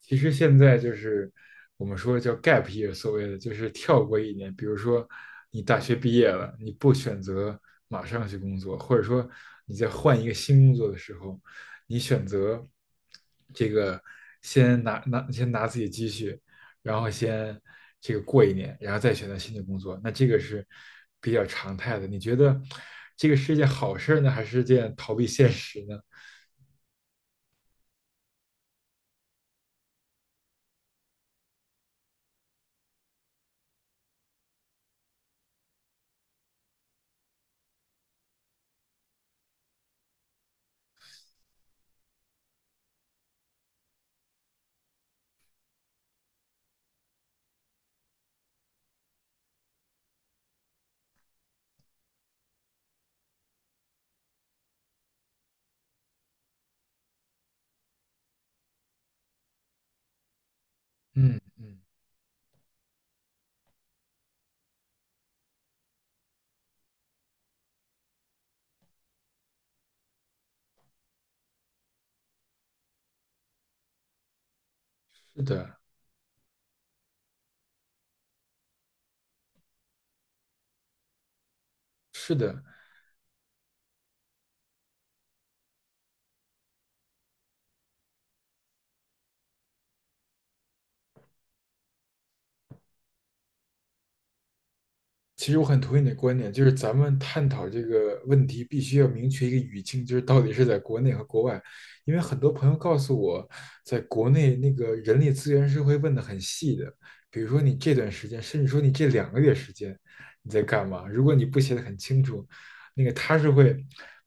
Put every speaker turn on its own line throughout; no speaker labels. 其实现在就是我们说叫 gap year，所谓的就是跳过一年。比如说，你大学毕业了，你不选择马上去工作，或者说你在换一个新工作的时候，你选择这个先拿自己积蓄，然后先这个过一年，然后再选择新的工作。那这个是比较常态的。你觉得这个是一件好事儿呢，还是件逃避现实呢？嗯嗯，是的，是的。其实我很同意你的观点，就是咱们探讨这个问题，必须要明确一个语境，就是到底是在国内和国外。因为很多朋友告诉我，在国内那个人力资源是会问的很细的，比如说你这段时间，甚至说你这两个月时间你在干嘛，如果你不写的很清楚，那个他是会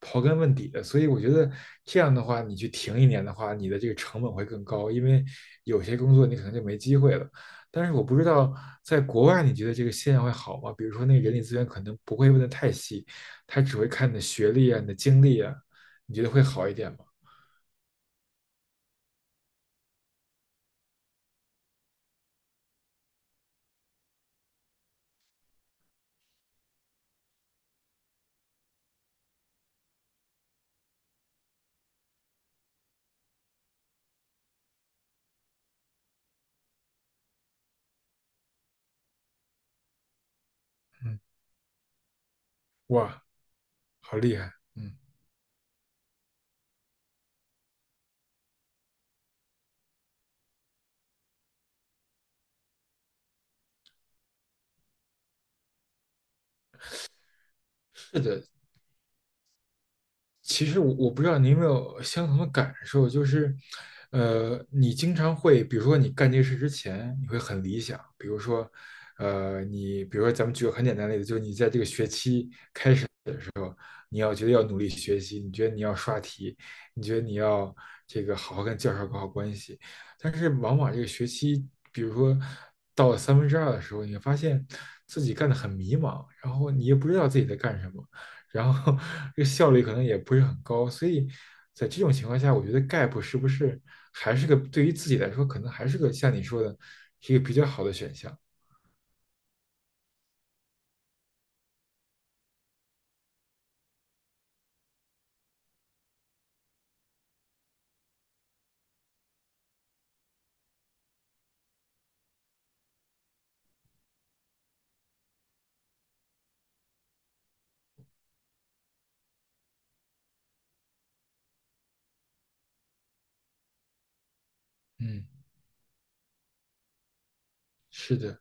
刨根问底的。所以我觉得这样的话，你去停一年的话，你的这个成本会更高，因为有些工作你可能就没机会了。但是我不知道在国外，你觉得这个现象会好吗？比如说，那个人力资源可能不会问的太细，他只会看你的学历啊、你的经历啊，你觉得会好一点吗？嗯，哇，好厉害，嗯，是的。其实我我不知道你有没有相同的感受，就是，你经常会，比如说你干这个事之前，你会很理想，比如说，你比如说咱们举个很简单的例子，就是你在这个学期你要觉得要努力学习，你觉得你要刷题，你觉得你要这个好好跟教授搞好关系。但是往往这个学期，比如说到了三分之二的时候，你会发现自己干得很迷茫，然后你也不知道自己在干什么，然后 这个效率可能也不是很高。所以在这种情况下，我觉得 gap 是不是还是个对于自己来说，可能还是个像你说的，一个比较好的选项。嗯，是的，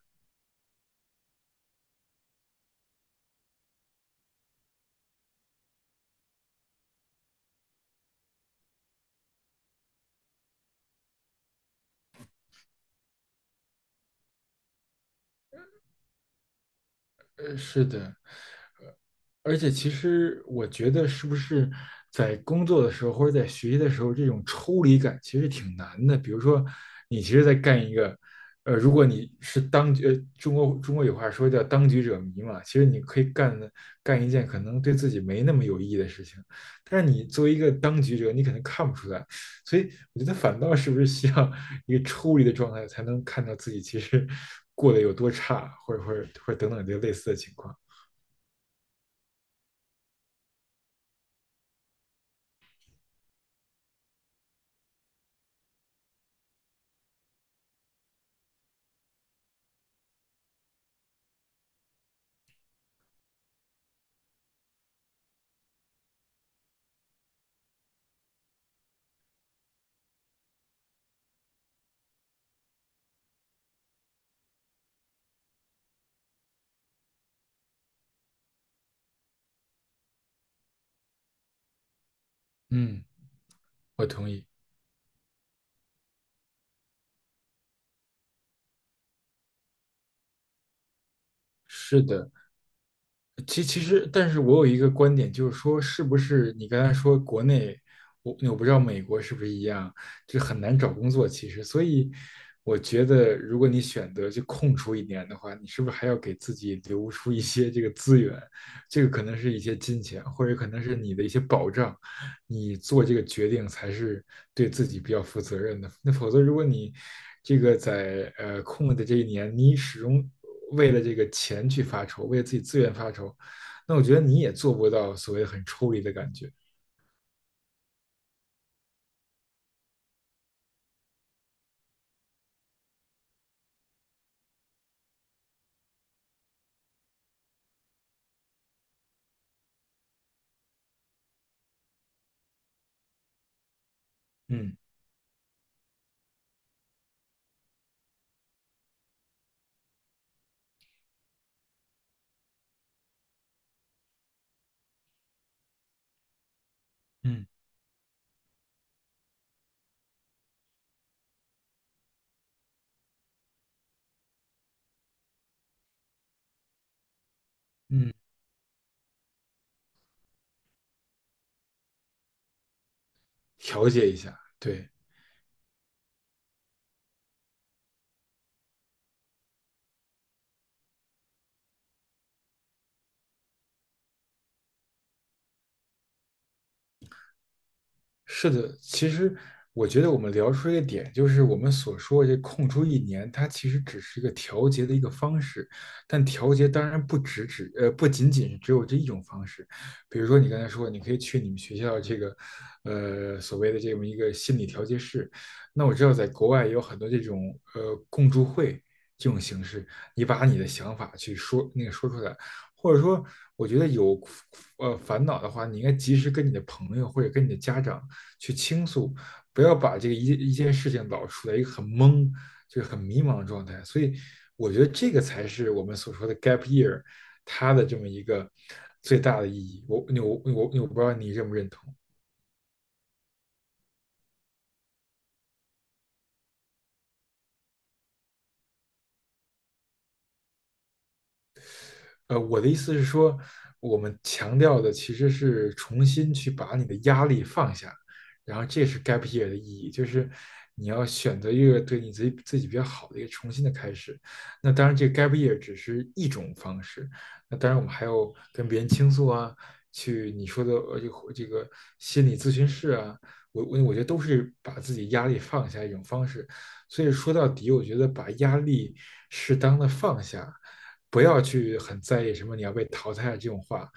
是的。而且，其实我觉得，是不是在工作的时候或者在学习的时候，这种抽离感其实挺难的。比如说，你其实在干一个，呃，如果你是当局，呃中国有话说叫"当局者迷"嘛，其实你可以干的干一件可能对自己没那么有意义的事情，但是你作为一个当局者，你可能看不出来。所以，我觉得反倒是不是需要一个抽离的状态，才能看到自己其实过得有多差，或者等等这类似的情况。嗯，我同意。是的，其实，但是我有一个观点，就是说，是不是你刚才说国内，我不知道美国是不是一样，就很难找工作。其实，所以我觉得，如果你选择就空出一年的话，你是不是还要给自己留出一些这个资源？这个可能是一些金钱，或者可能是你的一些保障。你做这个决定才是对自己比较负责任的。那否则，如果你这个在呃空了的这一年，你始终为了这个钱去发愁，为了自己资源发愁，那我觉得你也做不到所谓很抽离的感觉。嗯嗯嗯，调节一下，对。是的，其实我觉得我们聊出一个点，就是我们所说的这空出一年，它其实只是一个调节的一个方式，但调节当然不仅仅是只有这一种方式，比如说你刚才说，你可以去你们学校这个呃所谓的这么一个心理调节室，那我知道在国外也有很多这种呃共助会这种形式，你把你的想法去说那个说出来，或者说我觉得有呃烦恼的话，你应该及时跟你的朋友或者跟你的家长。去倾诉，不要把这个一件事情老处在一个很懵、就是很迷茫的状态。所以，我觉得这个才是我们所说的 gap year 它的这么一个最大的意义。我不知道你认不认同。我的意思是说，我们强调的其实是重新去把你的压力放下，然后这是 gap year 的意义，就是你要选择一个对你自己比较好的一个重新的开始。那当然，这个 gap year 只是一种方式。那当然，我们还有跟别人倾诉啊，去你说的呃这个心理咨询室啊，我觉得都是把自己压力放下一种方式。所以说到底，我觉得把压力适当的放下。不要去很在意什么你要被淘汰这种话，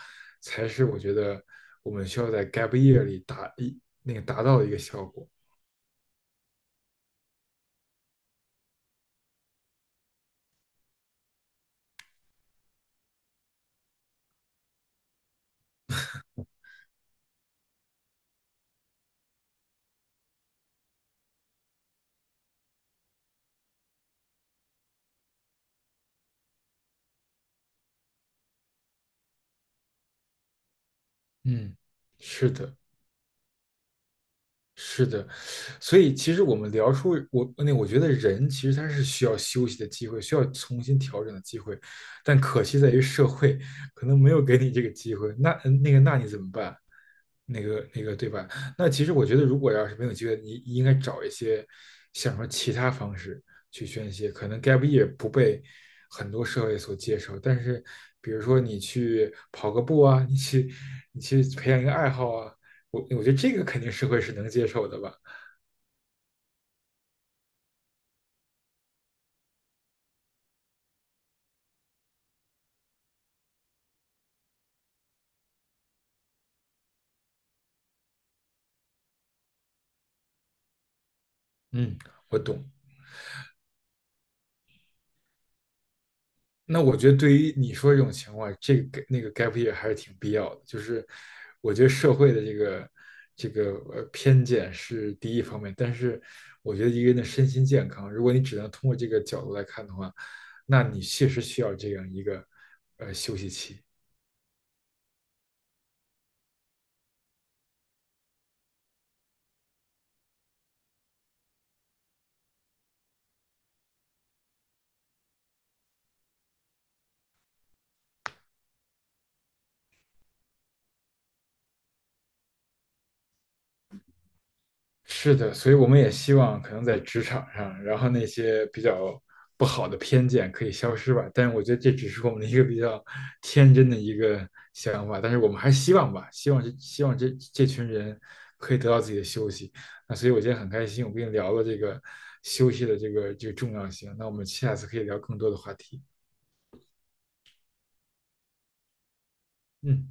才是我觉得我们需要在 gap year 里达到的一个效果。嗯，是的，是的，所以其实我们聊出我那我觉得人其实他是需要休息的机会，需要重新调整的机会，但可惜在于社会可能没有给你这个机会。那那你怎么办？对吧？那其实我觉得，如果要是没有机会，你应该找一些想说其他方式去宣泄。可能 gap y 不被很多社会所接受，但是比如说你去跑个步啊，你去培养一个爱好啊，我觉得这个肯定社会是能接受的吧。嗯，我懂。那我觉得对于你说这种情况，这个 gap year 还是挺必要的。就是我觉得社会的这个偏见是第一方面，但是我觉得一个人的身心健康，如果你只能通过这个角度来看的话，那你确实需要这样一个呃休息期。是的，所以我们也希望可能在职场上，然后那些比较不好的偏见可以消失吧。但是我觉得这只是我们的一个比较天真的一个想法，但是我们还是希望吧，希望这群人可以得到自己的休息。那所以我今天很开心，我跟你聊了这个休息的这个重要性。那我们下次可以聊更多的话题。嗯。